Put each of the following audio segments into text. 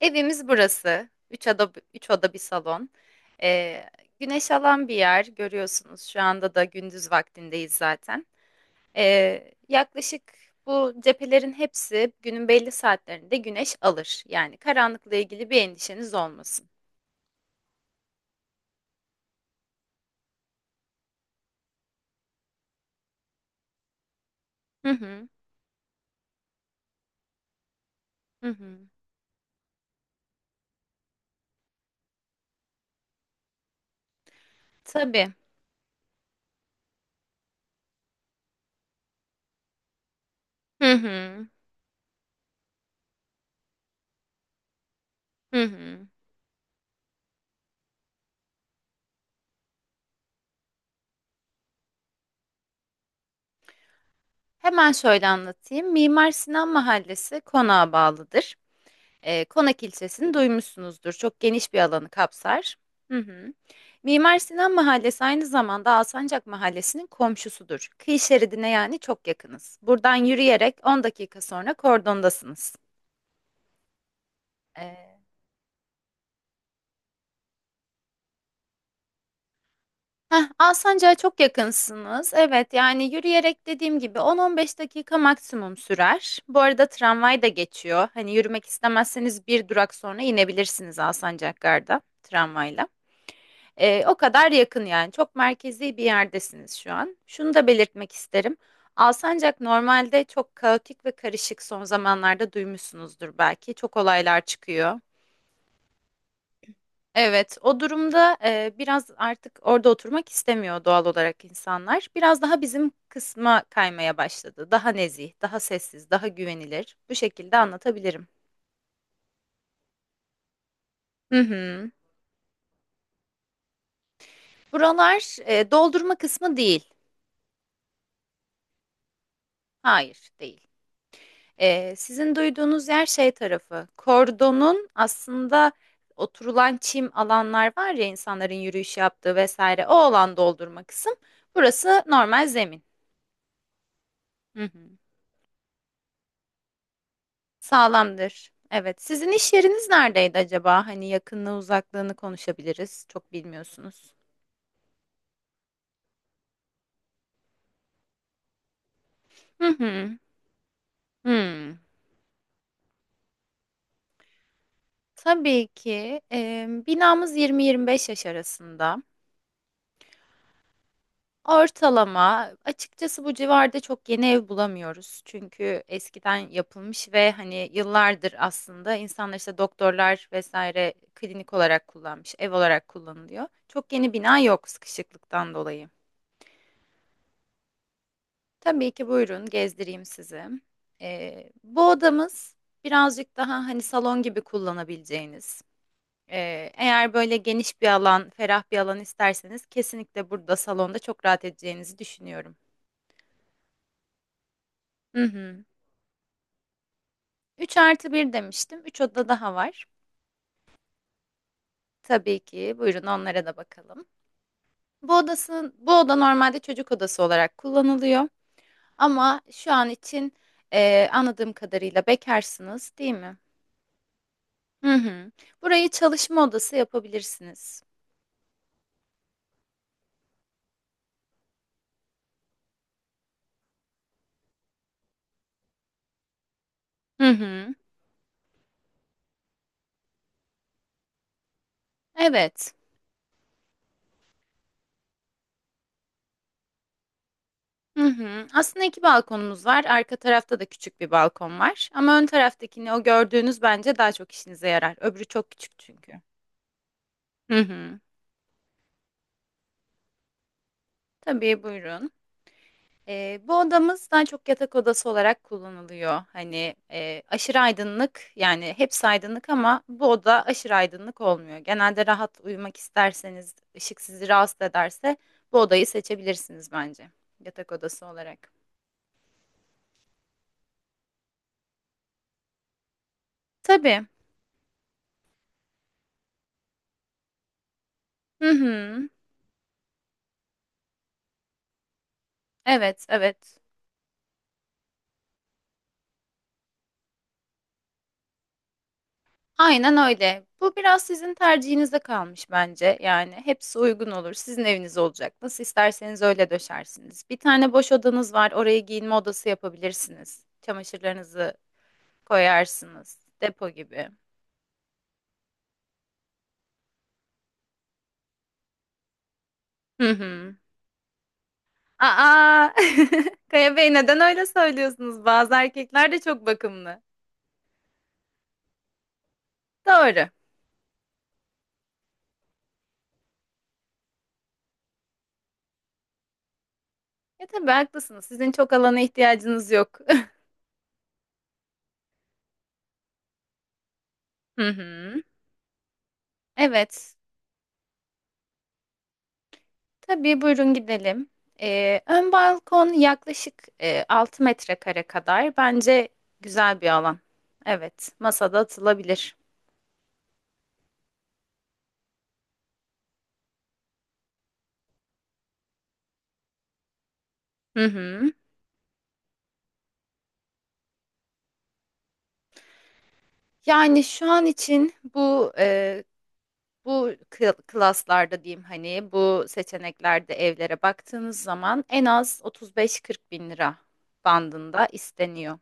Evimiz burası. Üç oda bir salon. Ee, güneş alan bir yer görüyorsunuz. Şu anda da gündüz vaktindeyiz zaten. Yaklaşık bu cephelerin hepsi günün belli saatlerinde güneş alır. Yani karanlıkla ilgili bir endişeniz olmasın. Hı hı, hı hı. Tabii. Hı hı, hı hı. Hemen şöyle anlatayım. Mimar Sinan Mahallesi konağa bağlıdır. Konak ilçesini duymuşsunuzdur. Çok geniş bir alanı kapsar. Hı hı. Mimar Sinan Mahallesi aynı zamanda Alsancak Mahallesi'nin komşusudur. Kıyı şeridine yani çok yakınız. Buradan yürüyerek 10 dakika sonra kordondasınız. Ee, Alsancak'a çok yakınsınız. Evet yani yürüyerek dediğim gibi 10-15 dakika maksimum sürer. Bu arada tramvay da geçiyor. Hani yürümek istemezseniz bir durak sonra inebilirsiniz Alsancak Gar'da tramvayla. O kadar yakın yani. Çok merkezi bir yerdesiniz şu an. Şunu da belirtmek isterim. Alsancak normalde çok kaotik ve karışık, son zamanlarda duymuşsunuzdur belki. Çok olaylar çıkıyor. Evet, o durumda biraz artık orada oturmak istemiyor doğal olarak insanlar. Biraz daha bizim kısma kaymaya başladı. Daha nezih, daha sessiz, daha güvenilir. Bu şekilde anlatabilirim. Hı hı. Buralar doldurma kısmı değil. Hayır, değil. Sizin duyduğunuz yer şey tarafı, kordonun aslında oturulan çim alanlar var ya insanların yürüyüş yaptığı vesaire, o alan doldurma kısım. Burası normal zemin. Hı hı. Sağlamdır. Evet. Sizin iş yeriniz neredeydi acaba? Hani yakınlığı uzaklığını konuşabiliriz. Çok bilmiyorsunuz. Hı hı. Hmm. Tabii ki. Binamız 20-25 yaş arasında. Ortalama. Açıkçası bu civarda çok yeni ev bulamıyoruz. Çünkü eskiden yapılmış ve hani yıllardır aslında insanlar işte doktorlar vesaire klinik olarak kullanmış, ev olarak kullanılıyor. Çok yeni bina yok sıkışıklıktan dolayı. Tabii ki buyurun gezdireyim sizi. Bu odamız birazcık daha hani salon gibi kullanabileceğiniz. Eğer böyle geniş bir alan, ferah bir alan isterseniz kesinlikle burada salonda çok rahat edeceğinizi düşünüyorum. Hı hı. 3 artı 1 demiştim. 3 oda daha var. Tabii ki. Buyurun onlara da bakalım. Bu odası, bu oda normalde çocuk odası olarak kullanılıyor. Ama şu an için anladığım kadarıyla bekarsınız, değil mi? Hı hı. Burayı çalışma odası yapabilirsiniz. Hı hı. Evet. Hı hı. Aslında iki balkonumuz var. Arka tarafta da küçük bir balkon var. Ama ön taraftakini, o gördüğünüz, bence daha çok işinize yarar. Öbürü çok küçük çünkü. Hı hı. Tabii buyurun. Bu odamız daha çok yatak odası olarak kullanılıyor. Hani aşırı aydınlık, yani hepsi aydınlık ama bu oda aşırı aydınlık olmuyor. Genelde rahat uyumak isterseniz, ışık sizi rahatsız ederse, bu odayı seçebilirsiniz bence yatak odası olarak. Tabii. Hı hı. Evet, evet. Aynen öyle. Bu biraz sizin tercihinize kalmış bence. Yani hepsi uygun olur. Sizin eviniz olacak. Nasıl isterseniz öyle döşersiniz. Bir tane boş odanız var. Oraya giyinme odası yapabilirsiniz. Çamaşırlarınızı koyarsınız. Depo gibi. Hı hı. Aa, Kaya Bey neden öyle söylüyorsunuz? Bazı erkekler de çok bakımlı. Doğru. Ya tabii haklısınız. Sizin çok alana ihtiyacınız yok. Hı hı. Evet. Tabii buyurun gidelim. Ön balkon yaklaşık 6 metrekare kadar. Bence güzel bir alan. Evet, masada atılabilir. Hı hı. Yani şu an için bu bu klaslarda diyeyim, hani bu seçeneklerde evlere baktığınız zaman en az 35-40 bin lira bandında isteniyor.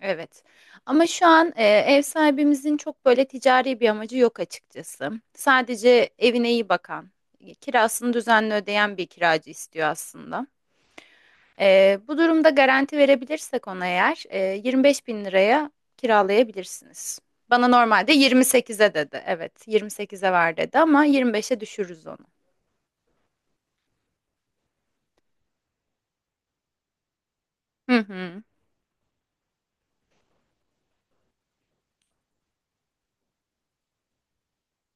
Evet. Ama şu an ev sahibimizin çok böyle ticari bir amacı yok açıkçası. Sadece evine iyi bakan, kirasını düzenli ödeyen bir kiracı istiyor aslında. Bu durumda garanti verebilirsek ona, eğer 25 bin liraya kiralayabilirsiniz. Bana normalde 28'e dedi. Evet, 28'e var dedi ama 25'e düşürürüz onu. Hı hı.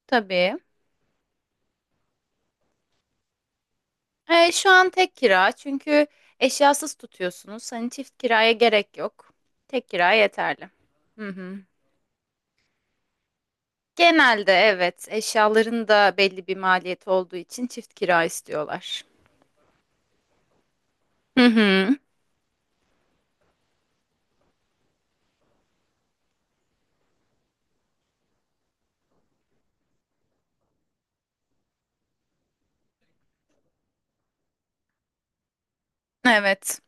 Tabii. Şu an tek kira çünkü eşyasız tutuyorsunuz. Hani çift kiraya gerek yok. Tek kira yeterli. Hı hı. Genelde evet, eşyaların da belli bir maliyeti olduğu için çift kira istiyorlar. Hı hı. Evet.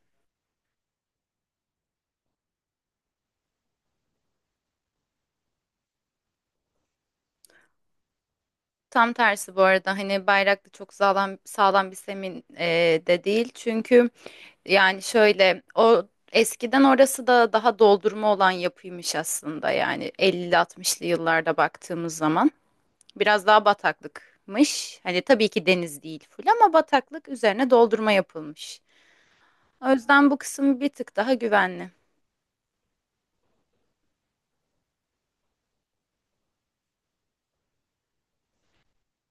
Tam tersi bu arada, hani Bayraklı çok sağlam sağlam bir semin de değil. Çünkü yani şöyle, o eskiden orası da daha doldurma olan yapıymış aslında, yani 50-60'lı yıllarda baktığımız zaman. Biraz daha bataklıkmış. Hani tabii ki deniz değil full, ama bataklık üzerine doldurma yapılmış. O yüzden bu kısım bir tık daha güvenli.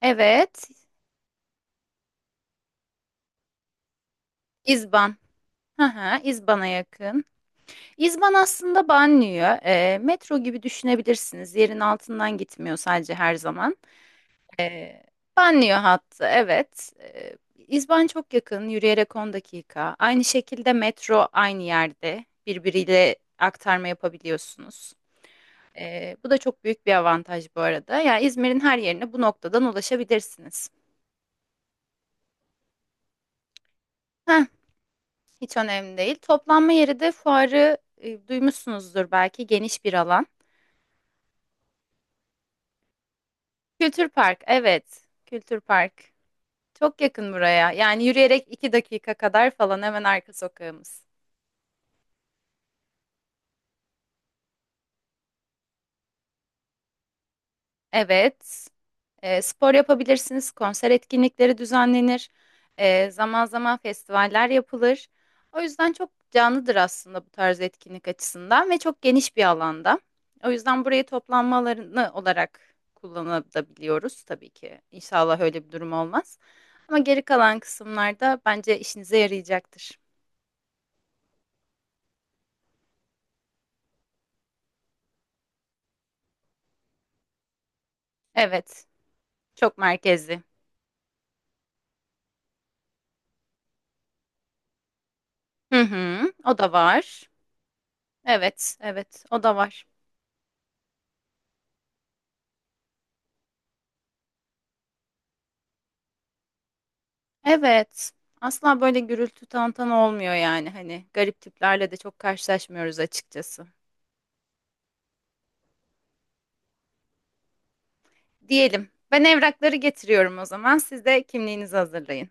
Evet, İzban. Hı hı, İzban'a yakın. İzban aslında banliyö. Metro gibi düşünebilirsiniz. Yerin altından gitmiyor sadece her zaman. E, banliyö hattı, evet. İzban çok yakın, yürüyerek 10 dakika. Aynı şekilde metro aynı yerde. Birbiriyle aktarma yapabiliyorsunuz. Bu da çok büyük bir avantaj bu arada. Yani İzmir'in her yerine bu noktadan ulaşabilirsiniz. Heh, hiç önemli değil. Toplanma yeri de fuarı, duymuşsunuzdur belki, geniş bir alan. Kültür Park, evet. Kültür Park. Çok yakın buraya. Yani yürüyerek iki dakika kadar falan, hemen arka sokağımız. Evet. Spor yapabilirsiniz, konser etkinlikleri düzenlenir, zaman zaman festivaller yapılır. O yüzden çok canlıdır aslında bu tarz etkinlik açısından, ve çok geniş bir alanda. O yüzden burayı toplanma alanı olarak kullanabiliyoruz tabii ki. İnşallah öyle bir durum olmaz. Ama geri kalan kısımlarda bence işinize yarayacaktır. Evet, çok merkezli. Hı hı, o da var. Evet, evet, o da var. Evet. Asla böyle gürültü tantana olmuyor, yani hani garip tiplerle de çok karşılaşmıyoruz açıkçası. Diyelim. Ben evrakları getiriyorum o zaman. Siz de kimliğinizi hazırlayın.